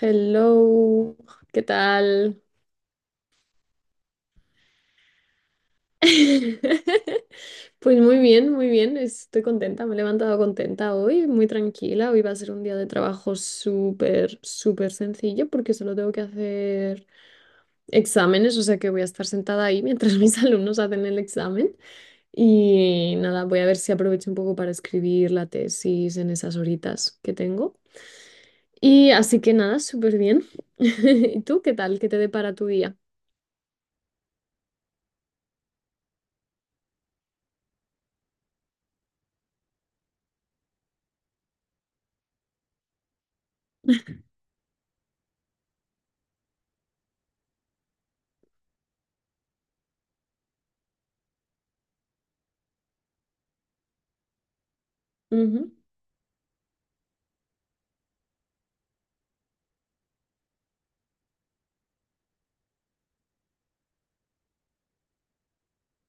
Hello, ¿qué tal? Pues muy bien, estoy contenta, me he levantado contenta hoy, muy tranquila, hoy va a ser un día de trabajo súper sencillo porque solo tengo que hacer exámenes, o sea que voy a estar sentada ahí mientras mis alumnos hacen el examen y nada, voy a ver si aprovecho un poco para escribir la tesis en esas horitas que tengo. Y así que nada, súper bien. ¿Y tú qué tal? ¿Qué te depara tu día?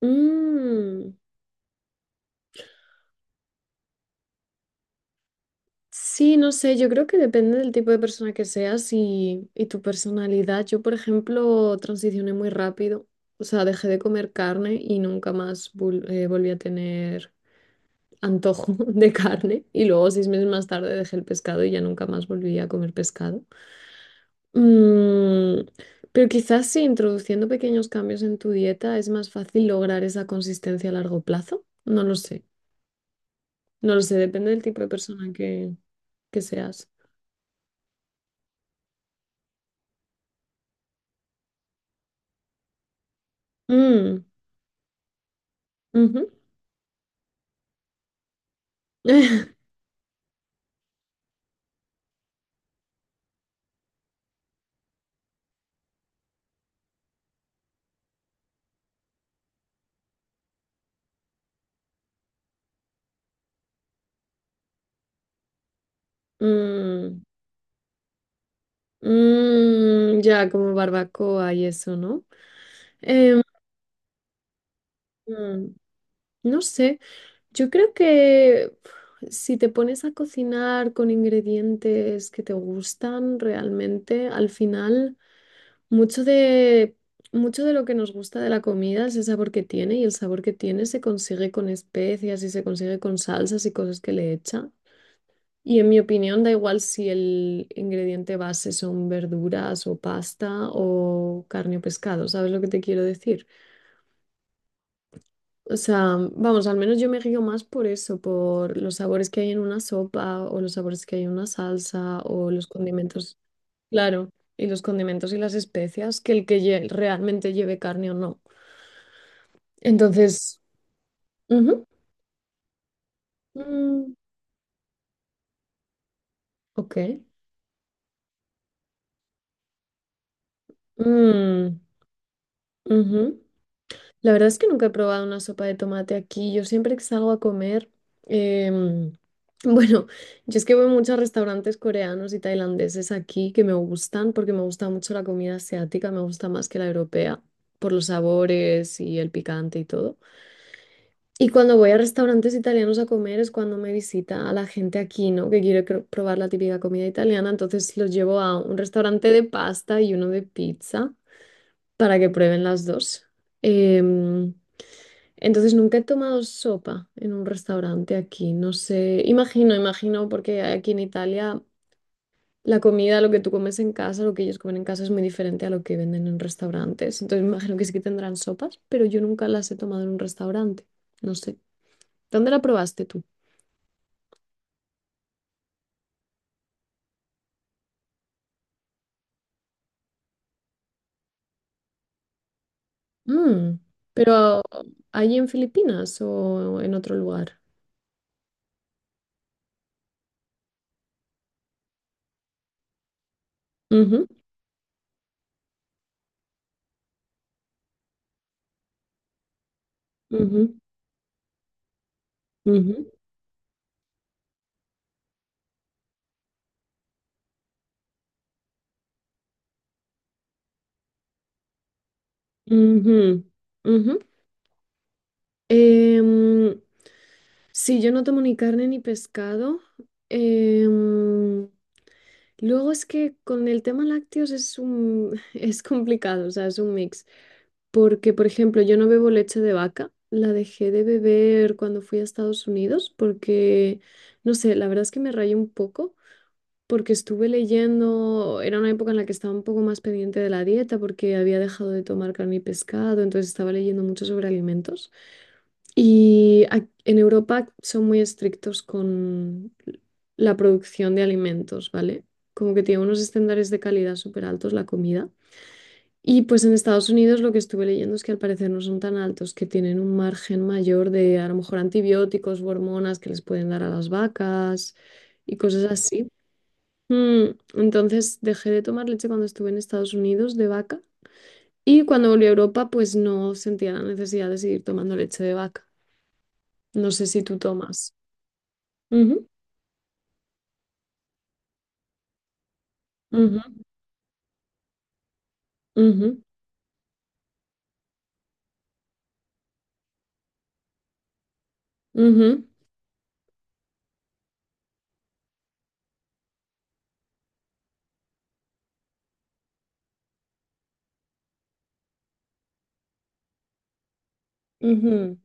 Mm, sí, no sé, yo creo que depende del tipo de persona que seas y tu personalidad. Yo, por ejemplo, transicioné muy rápido, o sea, dejé de comer carne y nunca más volví a tener antojo de carne. Y luego, seis meses más tarde, dejé el pescado y ya nunca más volví a comer pescado. Mm, pero quizás sí, introduciendo pequeños cambios en tu dieta es más fácil lograr esa consistencia a largo plazo. No lo sé, depende del tipo de persona que seas. Mm, ujú. Mm, mm, ya, como barbacoa y eso, ¿no? Em, mm, no sé, yo creo que pf, si te pones a cocinar con ingredientes que te gustan realmente, al final mucho de, mucho de lo que nos gusta de la comida es el sabor que tiene y el sabor que tiene se consigue con especias y se consigue con salsas y cosas que le echan. Y en mi opinión, da igual si el ingrediente base son verduras o pasta o carne o pescado, ¿sabes lo que te quiero decir? O sea, vamos, al menos yo me guío más por eso, por los sabores que hay en una sopa o los sabores que hay en una salsa o los condimentos, claro, y los condimentos y las especias que el que realmente lleve carne o no. Entonces, ujú, mm, ok. Mm, ujú. La verdad es que nunca he probado una sopa de tomate aquí. Yo siempre que salgo a comer, em, bueno, yo es que voy mucho a muchos restaurantes coreanos y tailandeses aquí que me gustan porque me gusta mucho la comida asiática, me gusta más que la europea por los sabores y el picante y todo. Y cuando voy a restaurantes italianos a comer es cuando me visita a la gente aquí, ¿no? Que quiere probar la típica comida italiana, entonces los llevo a un restaurante de pasta y uno de pizza para que prueben las dos. Em, entonces nunca he tomado sopa en un restaurante aquí, no sé, imagino, porque aquí en Italia la comida, lo que tú comes en casa, lo que ellos comen en casa es muy diferente a lo que venden en restaurantes. Entonces me imagino que sí que tendrán sopas, pero yo nunca las he tomado en un restaurante, no sé. ¿Dónde la probaste tú? Mm, pero allí en Filipinas o en otro lugar. Ujú, ujú, ujú, ujú, ujú. Em, sí, yo no tomo ni carne ni pescado. Em, luego es que con el tema lácteos es un, es complicado, o sea, es un mix. Porque, por ejemplo, yo no bebo leche de vaca. La dejé de beber cuando fui a Estados Unidos porque, no sé, la verdad es que me rayé un poco porque estuve leyendo, era una época en la que estaba un poco más pendiente de la dieta porque había dejado de tomar carne y pescado, entonces estaba leyendo mucho sobre alimentos. Y en Europa son muy estrictos con la producción de alimentos, ¿vale? Como que tiene unos estándares de calidad súper altos la comida. Y pues en Estados Unidos lo que estuve leyendo es que al parecer no son tan altos, que tienen un margen mayor de a lo mejor antibióticos u hormonas que les pueden dar a las vacas y cosas así. Mm, entonces dejé de tomar leche cuando estuve en Estados Unidos de vaca y cuando volví a Europa pues no sentía la necesidad de seguir tomando leche de vaca. No sé si tú tomas. Ujú, ujú, ujú, ujú, ujú,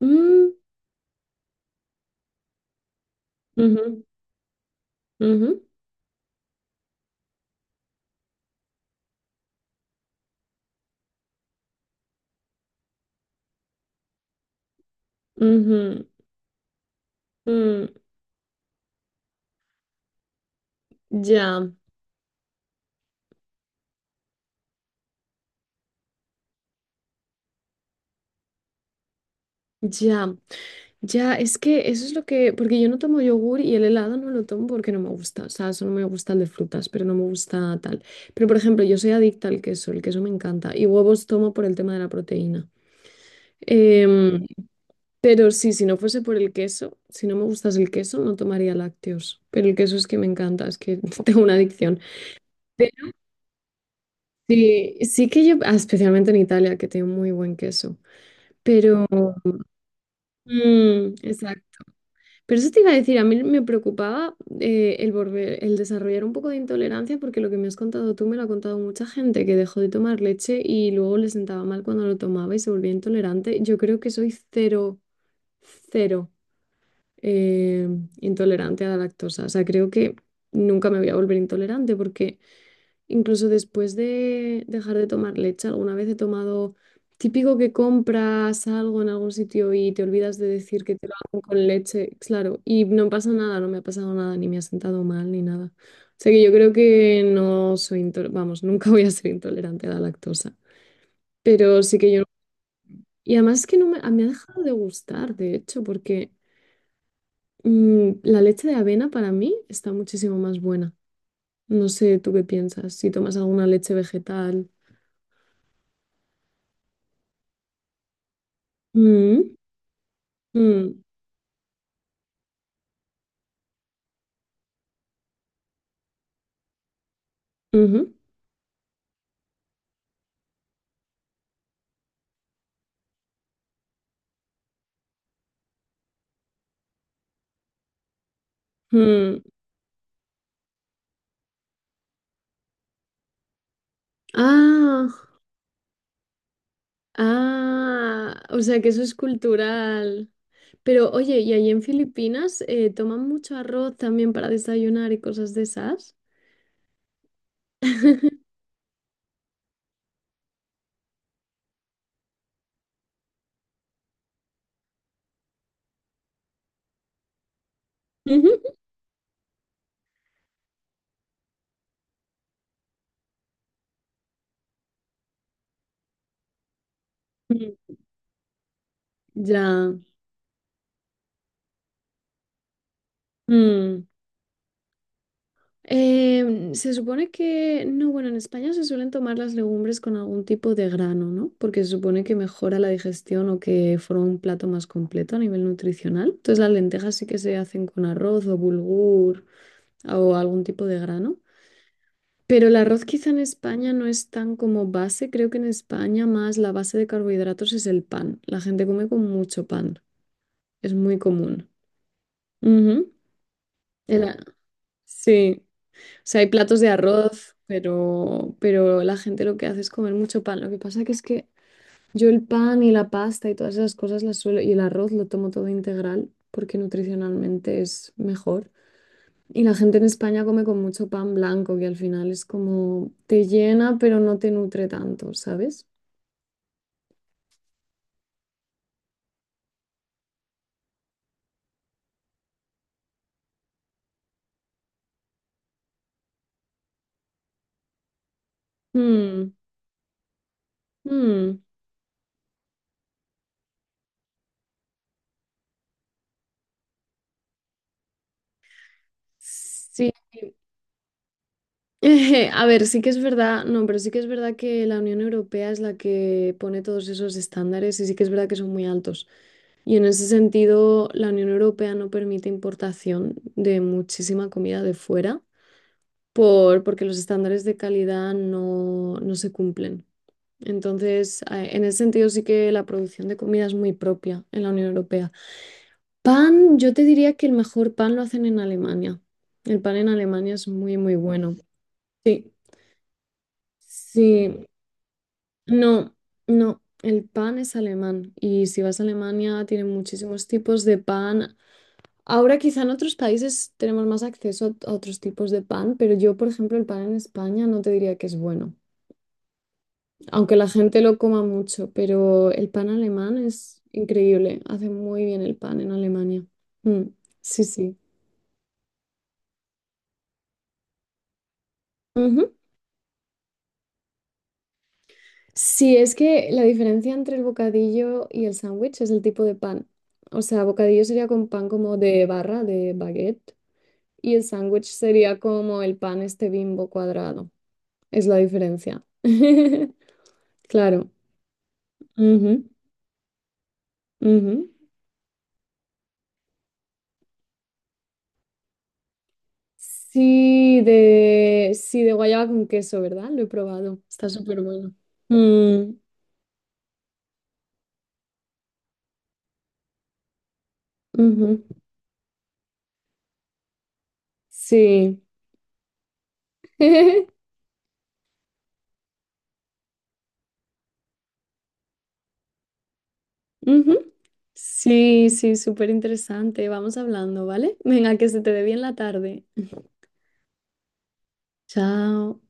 mm, ujú, ujú, ujú, mm, ya, ya, ya, es que eso es lo que, porque yo no tomo yogur y el helado no lo tomo porque no me gusta, o sea, solo me gusta el de frutas, pero no me gusta tal. Pero por ejemplo, yo soy adicta al queso, el queso me encanta y huevos tomo por el tema de la proteína. Em, pero sí, si no fuese por el queso, si no me gustas el queso, no tomaría lácteos, pero el queso es que me encanta, es que tengo una adicción. Sí, sí que yo, ah, especialmente en Italia, que tiene muy buen queso, pero... mm, exacto. Pero eso te iba a decir, a mí me preocupaba el el desarrollar un poco de intolerancia, porque lo que me has contado tú me lo ha contado mucha gente que dejó de tomar leche y luego le sentaba mal cuando lo tomaba y se volvía intolerante. Yo creo que soy cero eh, intolerante a la lactosa. O sea, creo que nunca me voy a volver intolerante porque... Incluso después de dejar de tomar leche, alguna vez he tomado, típico que compras algo en algún sitio y te olvidas de decir que te lo hago con leche, claro, y no pasa nada, no me ha pasado nada, ni me ha sentado mal, ni nada. O sea que yo creo que no soy, vamos, nunca voy a ser intolerante a la lactosa, pero sí que yo... no. Y además es que no me, me ha dejado de gustar, de hecho, porque mm, la leche de avena para mí está muchísimo más buena. No sé, ¿tú qué piensas? Si tomas alguna leche vegetal. Mm. Mm, ujú, mm. Ah, ah, o sea que eso es cultural. Pero oye, ¿y allí en Filipinas toman mucho arroz también para desayunar y cosas de esas? Ujú. Mm, ya. Mm. Se supone que, no, bueno, en España se suelen tomar las legumbres con algún tipo de grano, ¿no? Porque se supone que mejora la digestión o que forma un plato más completo a nivel nutricional. Entonces las lentejas sí que se hacen con arroz o bulgur, o algún tipo de grano. Pero el arroz quizá en España no es tan como base. Creo que en España más la base de carbohidratos es el pan. La gente come con mucho pan. Es muy común. Ujú. El a- sí. O sea, hay platos de arroz, pero la gente lo que hace es comer mucho pan. Lo que pasa que es que yo el pan y la pasta y todas esas cosas las suelo, y el arroz lo tomo todo integral porque nutricionalmente es mejor. Y la gente en España come con mucho pan blanco, que al final es como te llena, pero no te nutre tanto, ¿sabes? Mm, mm. Sí. A ver, sí que es verdad, no, pero sí que es verdad que la Unión Europea es la que pone todos esos estándares y sí que es verdad que son muy altos. Y en ese sentido, la Unión Europea no permite importación de muchísima comida de fuera porque los estándares de calidad no, no se cumplen. Entonces, en ese sentido sí que la producción de comida es muy propia en la Unión Europea. Pan, yo te diría que el mejor pan lo hacen en Alemania. El pan en Alemania es muy bueno. Sí, sí, no, no, el pan es alemán y si vas a Alemania tienen muchísimos tipos de pan. Ahora quizá en otros países tenemos más acceso a otros tipos de pan, pero yo, por ejemplo, el pan en España no te diría que es bueno, aunque la gente lo coma mucho, pero el pan alemán es increíble, hace muy bien el pan en Alemania. Mm, sí, sí. Ujú. Sí, es que la diferencia entre el bocadillo y el sándwich es el tipo de pan. O sea, bocadillo sería con pan como de barra, de baguette, y el sándwich sería como el pan este Bimbo cuadrado. Es la diferencia. Claro. Ujú, ujú. Sí, de guayaba con queso, ¿verdad? Lo he probado. Está súper bueno. Mm, ujú. Sí. Ujú. Sí, sí, súper interesante. Vamos hablando, ¿vale? Venga, que se te dé bien la tarde. Chao.